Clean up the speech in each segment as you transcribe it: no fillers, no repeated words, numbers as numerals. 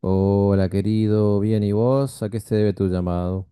Hola, querido, bien, ¿y vos? ¿A qué se debe tu llamado?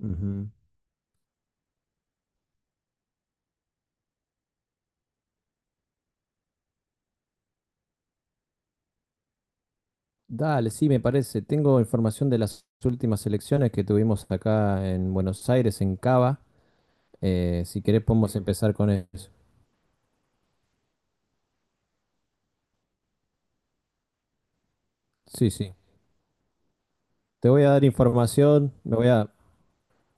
Ujú. Dale, sí, me parece. Tengo información de las últimas elecciones que tuvimos acá en Buenos Aires, en Cava. Si querés, podemos empezar con eso. Sí, sí. Te voy a dar información, me voy a.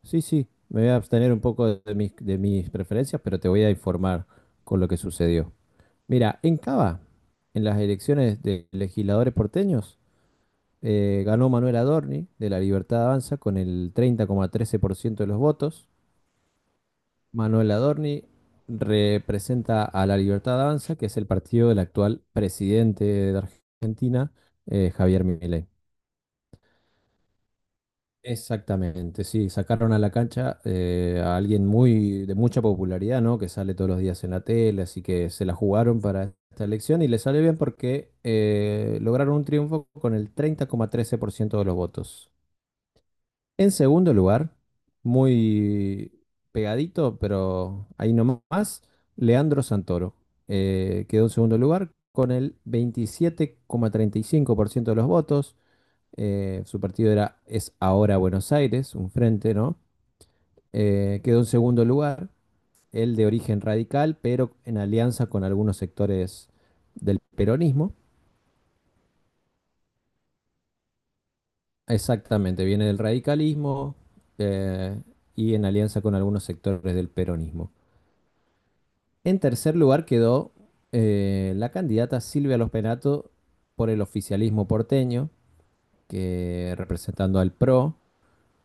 Sí, sí, me voy a abstener un poco de mis preferencias, pero te voy a informar con lo que sucedió. Mira, en Cava, en las elecciones de legisladores porteños, ganó Manuel Adorni de La Libertad Avanza con el 30,13% de los votos. Manuel Adorni representa a La Libertad Avanza, que es el partido del actual presidente de Argentina, Javier Milei. Exactamente, sí, sacaron a la cancha a alguien muy de mucha popularidad, ¿no? Que sale todos los días en la tele, así que se la jugaron para esta elección y le sale bien porque lograron un triunfo con el 30,13% de los votos. En segundo lugar, muy pegadito, pero ahí nomás, Leandro Santoro. Quedó en segundo lugar con el 27,35% de los votos. Su partido era Es Ahora Buenos Aires, un frente, ¿no? Quedó en segundo lugar, el de origen radical, pero en alianza con algunos sectores del peronismo. Exactamente, viene del radicalismo eh, y en alianza con algunos sectores del peronismo. En tercer lugar quedó la candidata Silvia Los Penato por el oficialismo porteño, que representando al PRO,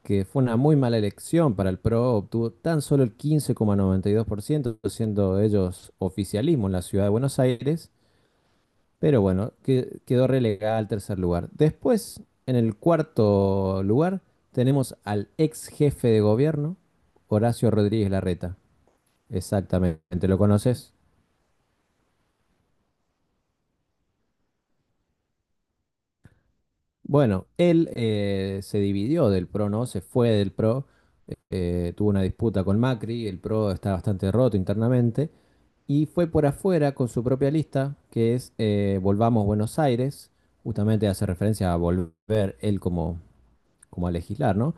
que fue una muy mala elección para el PRO, obtuvo tan solo el 15,92% siendo ellos oficialismo en la ciudad de Buenos Aires, pero bueno, quedó relegada al tercer lugar. Después, en el cuarto lugar, tenemos al ex jefe de gobierno, Horacio Rodríguez Larreta. Exactamente, ¿lo conoces? Bueno, él se dividió del PRO, ¿no? Se fue del PRO, tuvo una disputa con Macri, el PRO está bastante roto internamente, y fue por afuera con su propia lista, que es Volvamos Buenos Aires, justamente hace referencia a volver él como, como a legislar, ¿no?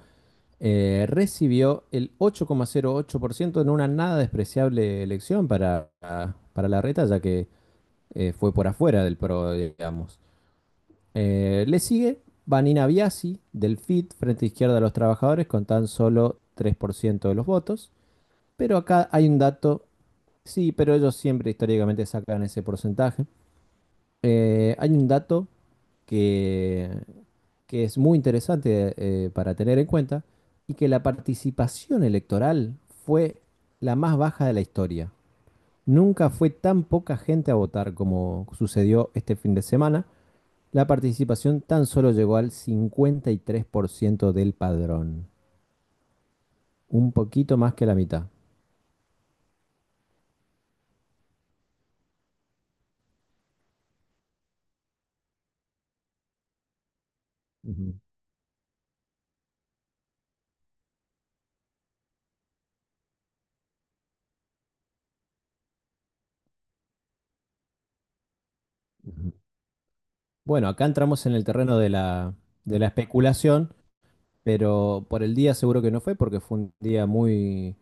Recibió el 8,08% en una nada despreciable elección para Larreta, ya que fue por afuera del PRO, digamos. Le sigue Vanina Biasi del FIT, Frente Izquierda de los Trabajadores, con tan solo 3% de los votos. Pero acá hay un dato, sí, pero ellos siempre históricamente sacan ese porcentaje. Hay un dato que, que es muy interesante para tener en cuenta y que la participación electoral fue la más baja de la historia. Nunca fue tan poca gente a votar como sucedió este fin de semana. La participación tan solo llegó al 53% del padrón, un poquito más que la mitad. Ujú, ujú. Bueno, acá entramos en el terreno de la especulación, pero por el día seguro que no fue, porque fue un día muy,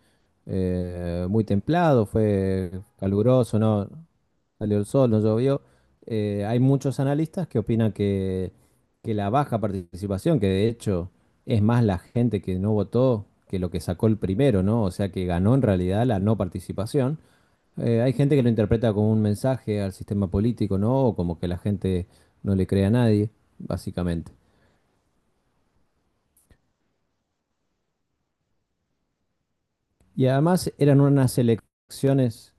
muy templado, fue caluroso, ¿no? Salió el sol, no llovió. Hay muchos analistas que opinan que la baja participación, que de hecho es más la gente que no votó que lo que sacó el primero, ¿no? O sea que ganó en realidad la no participación. Hay gente que lo interpreta como un mensaje al sistema político, ¿no? O como que la gente no le cree a nadie, básicamente. Y además eran unas elecciones.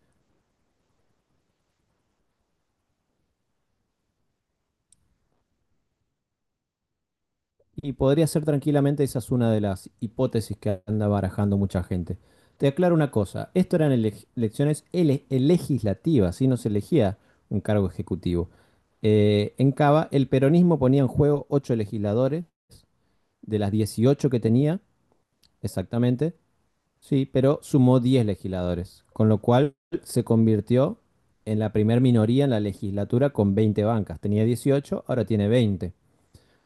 Y podría ser tranquilamente, esa es una de las hipótesis que anda barajando mucha gente. Te aclaro una cosa, esto eran elecciones legislativas, y no se elegía un cargo ejecutivo. En Cava, el peronismo ponía en juego ocho legisladores, de las 18 que tenía, exactamente, sí, pero sumó 10 legisladores, con lo cual se convirtió en la primer minoría en la legislatura con 20 bancas. Tenía 18, ahora tiene 20.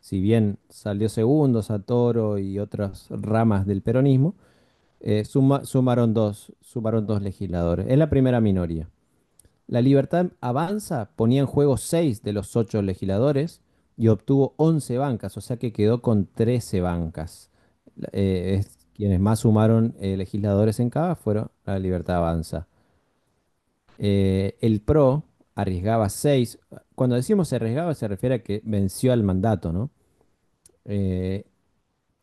Si bien salió segundo Santoro y otras ramas del peronismo, sumaron dos legisladores. Es la primera minoría. La Libertad Avanza ponía en juego seis de los ocho legisladores y obtuvo 11 bancas, o sea que quedó con 13 bancas. Quienes más sumaron legisladores en cada fueron la Libertad Avanza. El PRO arriesgaba seis. Cuando decimos arriesgaba se refiere a que venció al mandato, ¿no? Eh,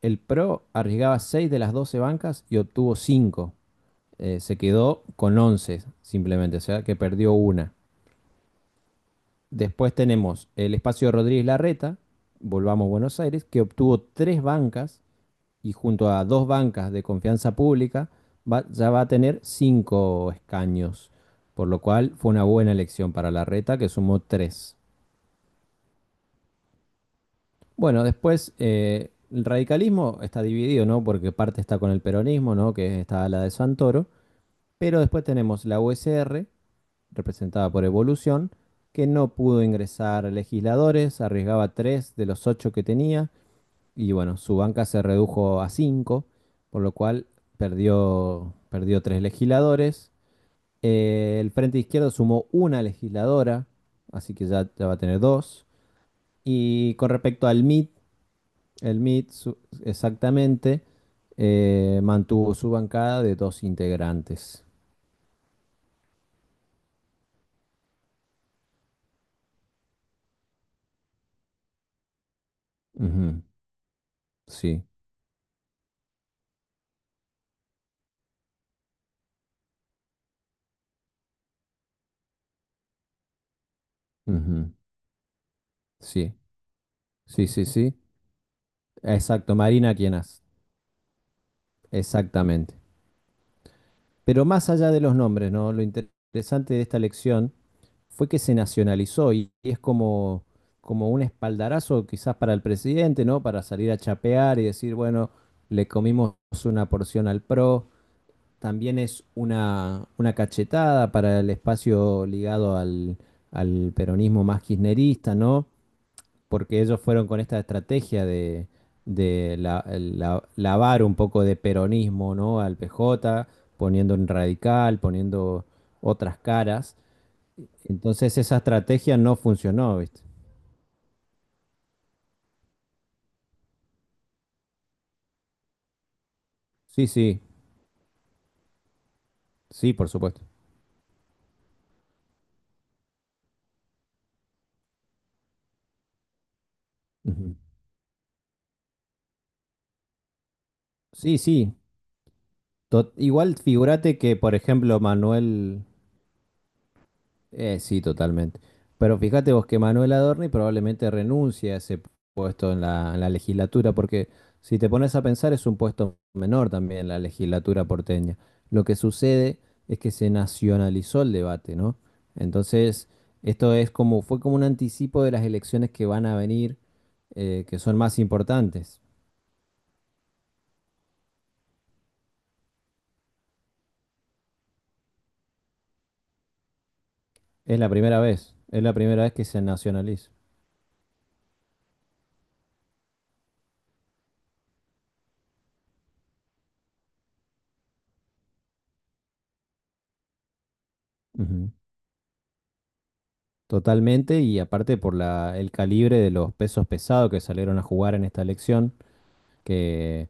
El Pro arriesgaba 6 de las 12 bancas y obtuvo 5. Se quedó con 11, simplemente, o sea que perdió una. Después tenemos el espacio de Rodríguez Larreta, volvamos a Buenos Aires, que obtuvo 3 bancas y junto a dos bancas de confianza pública ya va a tener 5 escaños. Por lo cual fue una buena elección para Larreta, que sumó 3. Bueno, después el radicalismo está dividido, ¿no? Porque parte está con el peronismo, ¿no? Que está a la de Santoro. Pero después tenemos la USR, representada por Evolución, que no pudo ingresar legisladores, arriesgaba tres de los ocho que tenía, y bueno, su banca se redujo a cinco, por lo cual perdió tres legisladores. El Frente Izquierdo sumó una legisladora, así que ya va a tener dos. Y con respecto al MIT, el MIT exactamente mantuvo su bancada de dos integrantes. Ujú, sí. Ujú. Sí, sí, sí, sí. Exacto, Marina Quienas. Exactamente. Pero más allá de los nombres, ¿no? Lo interesante de esta elección fue que se nacionalizó y es como, como un espaldarazo quizás para el presidente, ¿no? Para salir a chapear y decir, bueno, le comimos una porción al PRO. También es una cachetada para el espacio ligado al peronismo más kirchnerista, ¿no? Porque ellos fueron con esta estrategia de lavar un poco de peronismo, ¿no? Al PJ, poniendo un radical, poniendo otras caras. Entonces esa estrategia no funcionó, ¿viste? Sí, sí, sí, por supuesto. Ujú. Sí, sí. Igual figúrate que, por ejemplo, Manuel, sí, totalmente. Pero fíjate vos que Manuel Adorni probablemente renuncie a ese puesto en la legislatura, porque si te pones a pensar es un puesto menor también la legislatura porteña. Lo que sucede es que se nacionalizó el debate, ¿no? Entonces, esto es como, fue como un anticipo de las elecciones que van a venir, que son más importantes. Es la primera vez, es la primera vez que se nacionaliza. Totalmente, y aparte por la, el calibre de los pesos pesados que salieron a jugar en esta elección, que,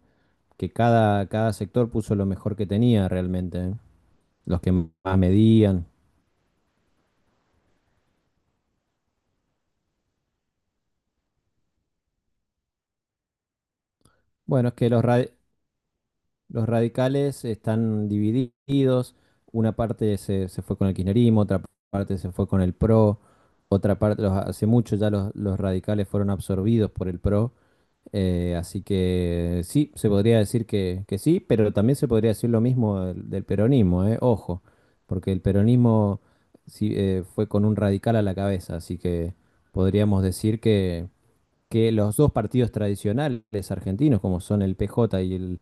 que cada sector puso lo mejor que tenía realmente, ¿eh? Los que más medían. Bueno, es que los, los radicales están divididos, una parte se fue con el kirchnerismo, otra parte se fue con el PRO, otra parte, hace mucho ya los radicales fueron absorbidos por el PRO. Así que sí, se podría decir que sí, pero también se podría decir lo mismo del peronismo, ojo, porque el peronismo sí, fue con un radical a la cabeza, así que podríamos decir que los dos partidos tradicionales argentinos, como son el PJ y el,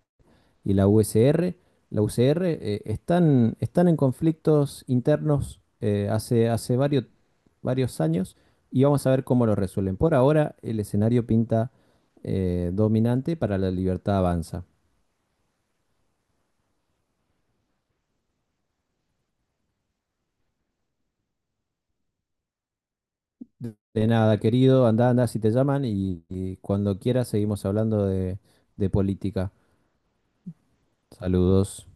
y la USR, la UCR, están en conflictos internos hace, hace varios, varios años y vamos a ver cómo lo resuelven. Por ahora, el escenario pinta dominante para la libertad avanza. De nada, querido, anda, anda si te llaman y cuando quieras seguimos hablando de política. Saludos.